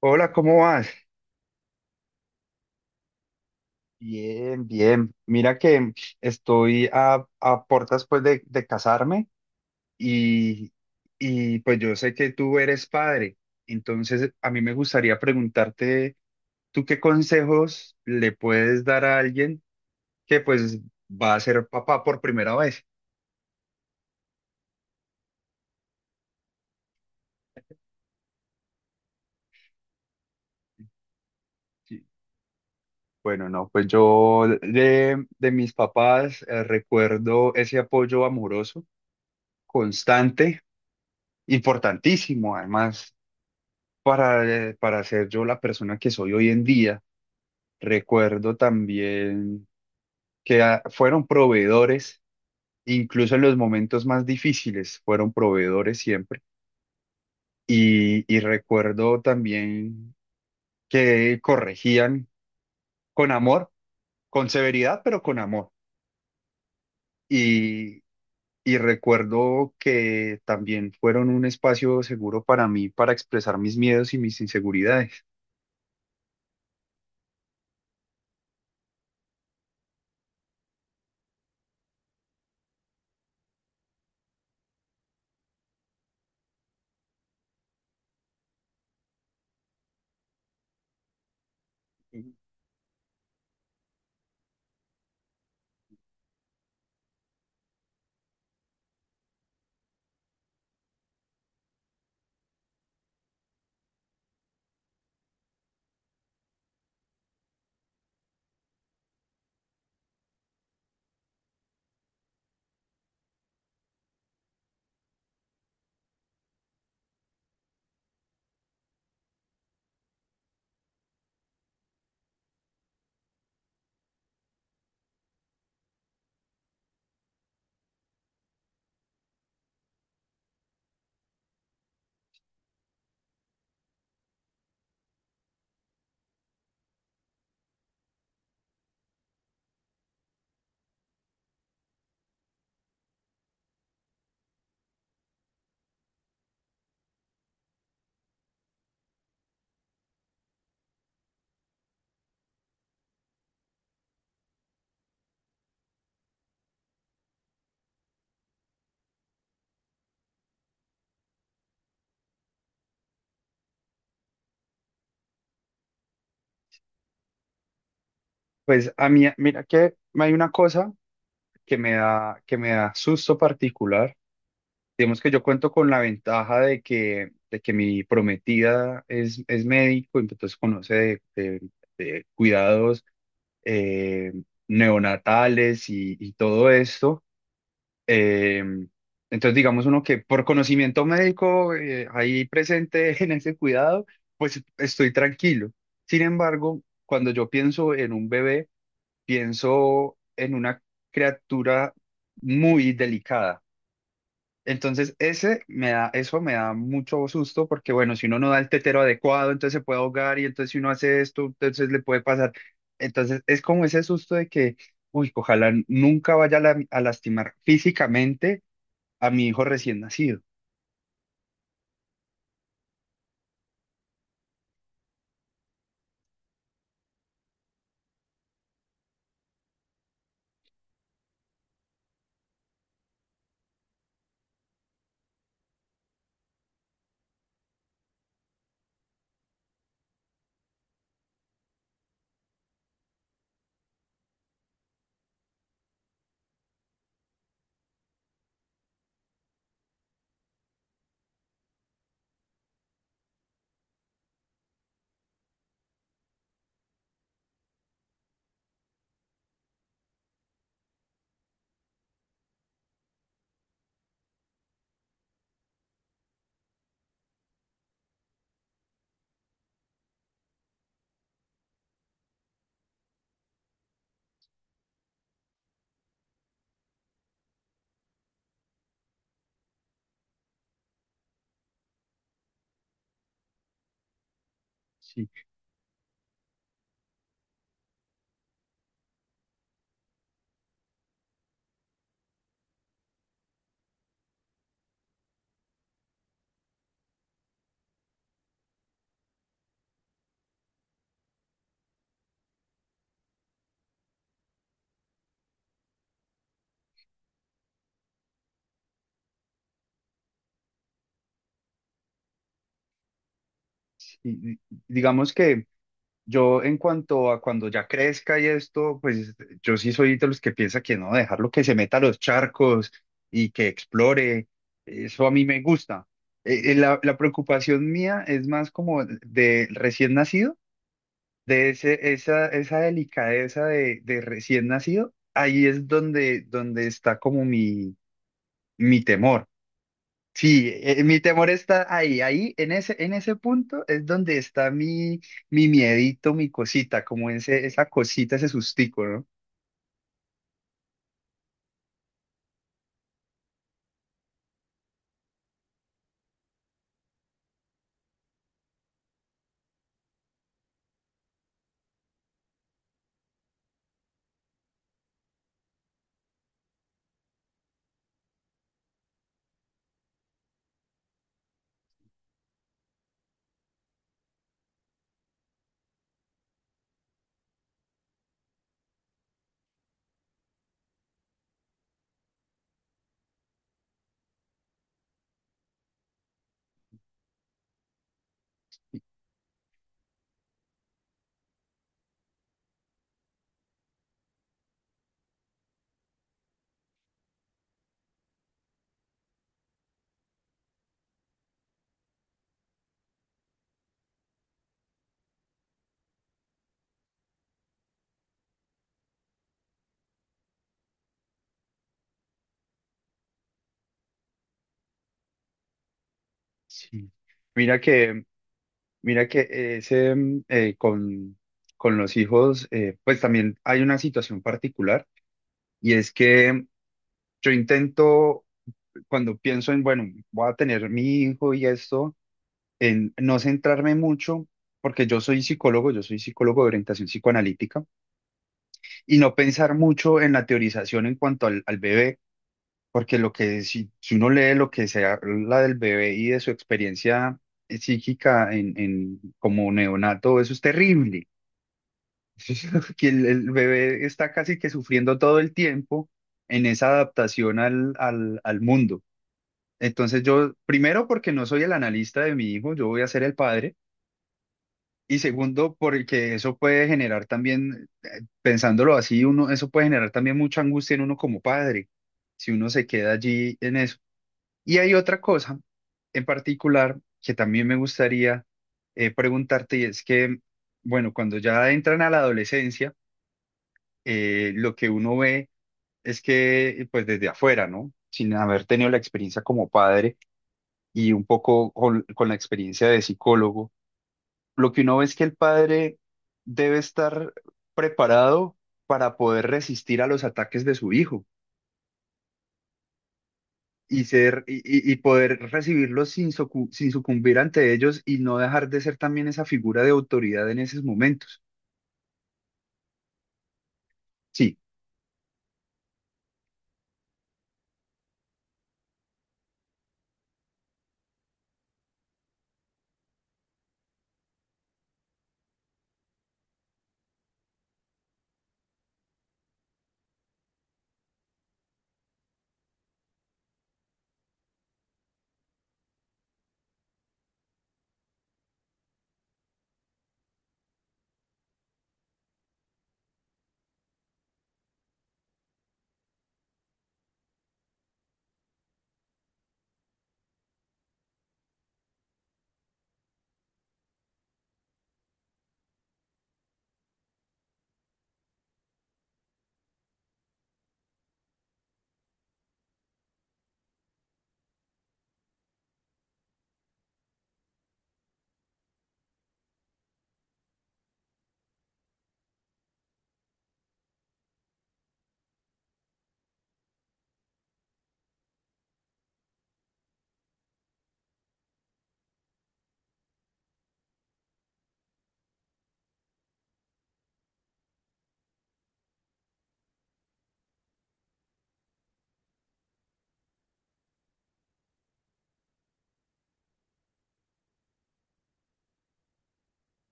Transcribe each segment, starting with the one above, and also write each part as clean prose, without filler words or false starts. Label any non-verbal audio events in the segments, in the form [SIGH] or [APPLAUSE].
Hola, ¿cómo vas? Bien, bien. Mira que estoy a puertas pues de casarme, y, y pues yo sé que tú eres padre, entonces a mí me gustaría preguntarte, ¿tú qué consejos le puedes dar a alguien que pues va a ser papá por primera vez? Sí. Bueno, no, pues yo de mis papás recuerdo ese apoyo amoroso, constante, importantísimo además para ser yo la persona que soy hoy en día. Recuerdo también que fueron proveedores, incluso en los momentos más difíciles, fueron proveedores siempre. Y recuerdo también que corregían con amor, con severidad, pero con amor. Y, y recuerdo que también fueron un espacio seguro para mí, para expresar mis miedos y mis inseguridades. Pues a mí, mira que hay una cosa que me da susto particular. Digamos que yo cuento con la ventaja de que mi prometida es médico, entonces conoce de, de cuidados eh, neonatales y todo esto. Eh, entonces, digamos uno que por conocimiento médico ahí presente [LAUGHS] en ese cuidado, pues estoy tranquilo. Sin embargo, cuando yo pienso en un bebé, pienso en una criatura muy delicada. Entonces, ese me da, eso me da mucho susto porque, bueno, si uno no da el tetero adecuado, entonces se puede ahogar y entonces si uno hace esto, entonces le puede pasar. Entonces, es como ese susto de que, uy, ojalá nunca vaya a lastimar físicamente a mi hijo recién nacido. Sí, sí. Digamos que... Yo en cuanto a cuando ya crezca y esto, pues yo sí soy de los que piensa que no, dejarlo que se meta a los charcos y que explore, eso a mí me gusta. La, la preocupación mía es más como de recién nacido, de ese, esa delicadeza de recién nacido, ahí es donde, donde está como mi temor. Sí, mi temor está ahí, ahí, en ese punto es donde está mi, mi miedito, mi cosita, como ese, esa cosita, ese sustico, ¿no? Sí. Mira que, mira que ese, con los hijos, pues también hay una situación particular y es que yo intento, cuando pienso en, bueno, voy a tener mi hijo y esto, en no centrarme mucho, porque yo soy psicólogo de orientación psicoanalítica. Y no pensar mucho en la teorización en cuanto al, al bebé, porque lo que si, si uno lee lo que se habla del bebé y de su experiencia psíquica en como neonato, eso es terrible. [LAUGHS] Que el bebé está casi que sufriendo todo el tiempo en esa adaptación al, al, al mundo. Entonces yo, primero porque no soy el analista de mi hijo, yo voy a ser el padre. Y segundo, porque eso puede generar también, pensándolo así, uno, eso puede generar también mucha angustia en uno como padre, si uno se queda allí en eso. Y hay otra cosa en particular que también me gustaría preguntarte, y es que, bueno, cuando ya entran a la adolescencia, lo que uno ve es que, pues desde afuera, ¿no? Sin haber tenido la experiencia como padre y un poco con la experiencia de psicólogo, lo que uno ve es que el padre debe estar preparado para poder resistir a los ataques de su hijo y ser y poder recibirlos sin, sin sucumbir ante ellos y no dejar de ser también esa figura de autoridad en esos momentos. Sí,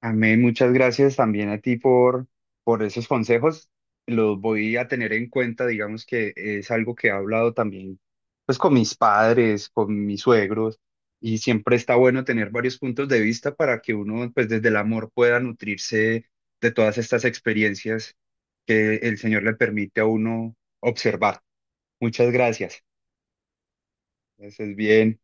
amén, muchas gracias también a ti por esos consejos. Los voy a tener en cuenta, digamos que es algo que he hablado también pues con mis padres, con mis suegros, y siempre está bueno tener varios puntos de vista para que uno pues desde el amor pueda nutrirse de todas estas experiencias que el Señor le permite a uno observar. Muchas gracias. Es bien.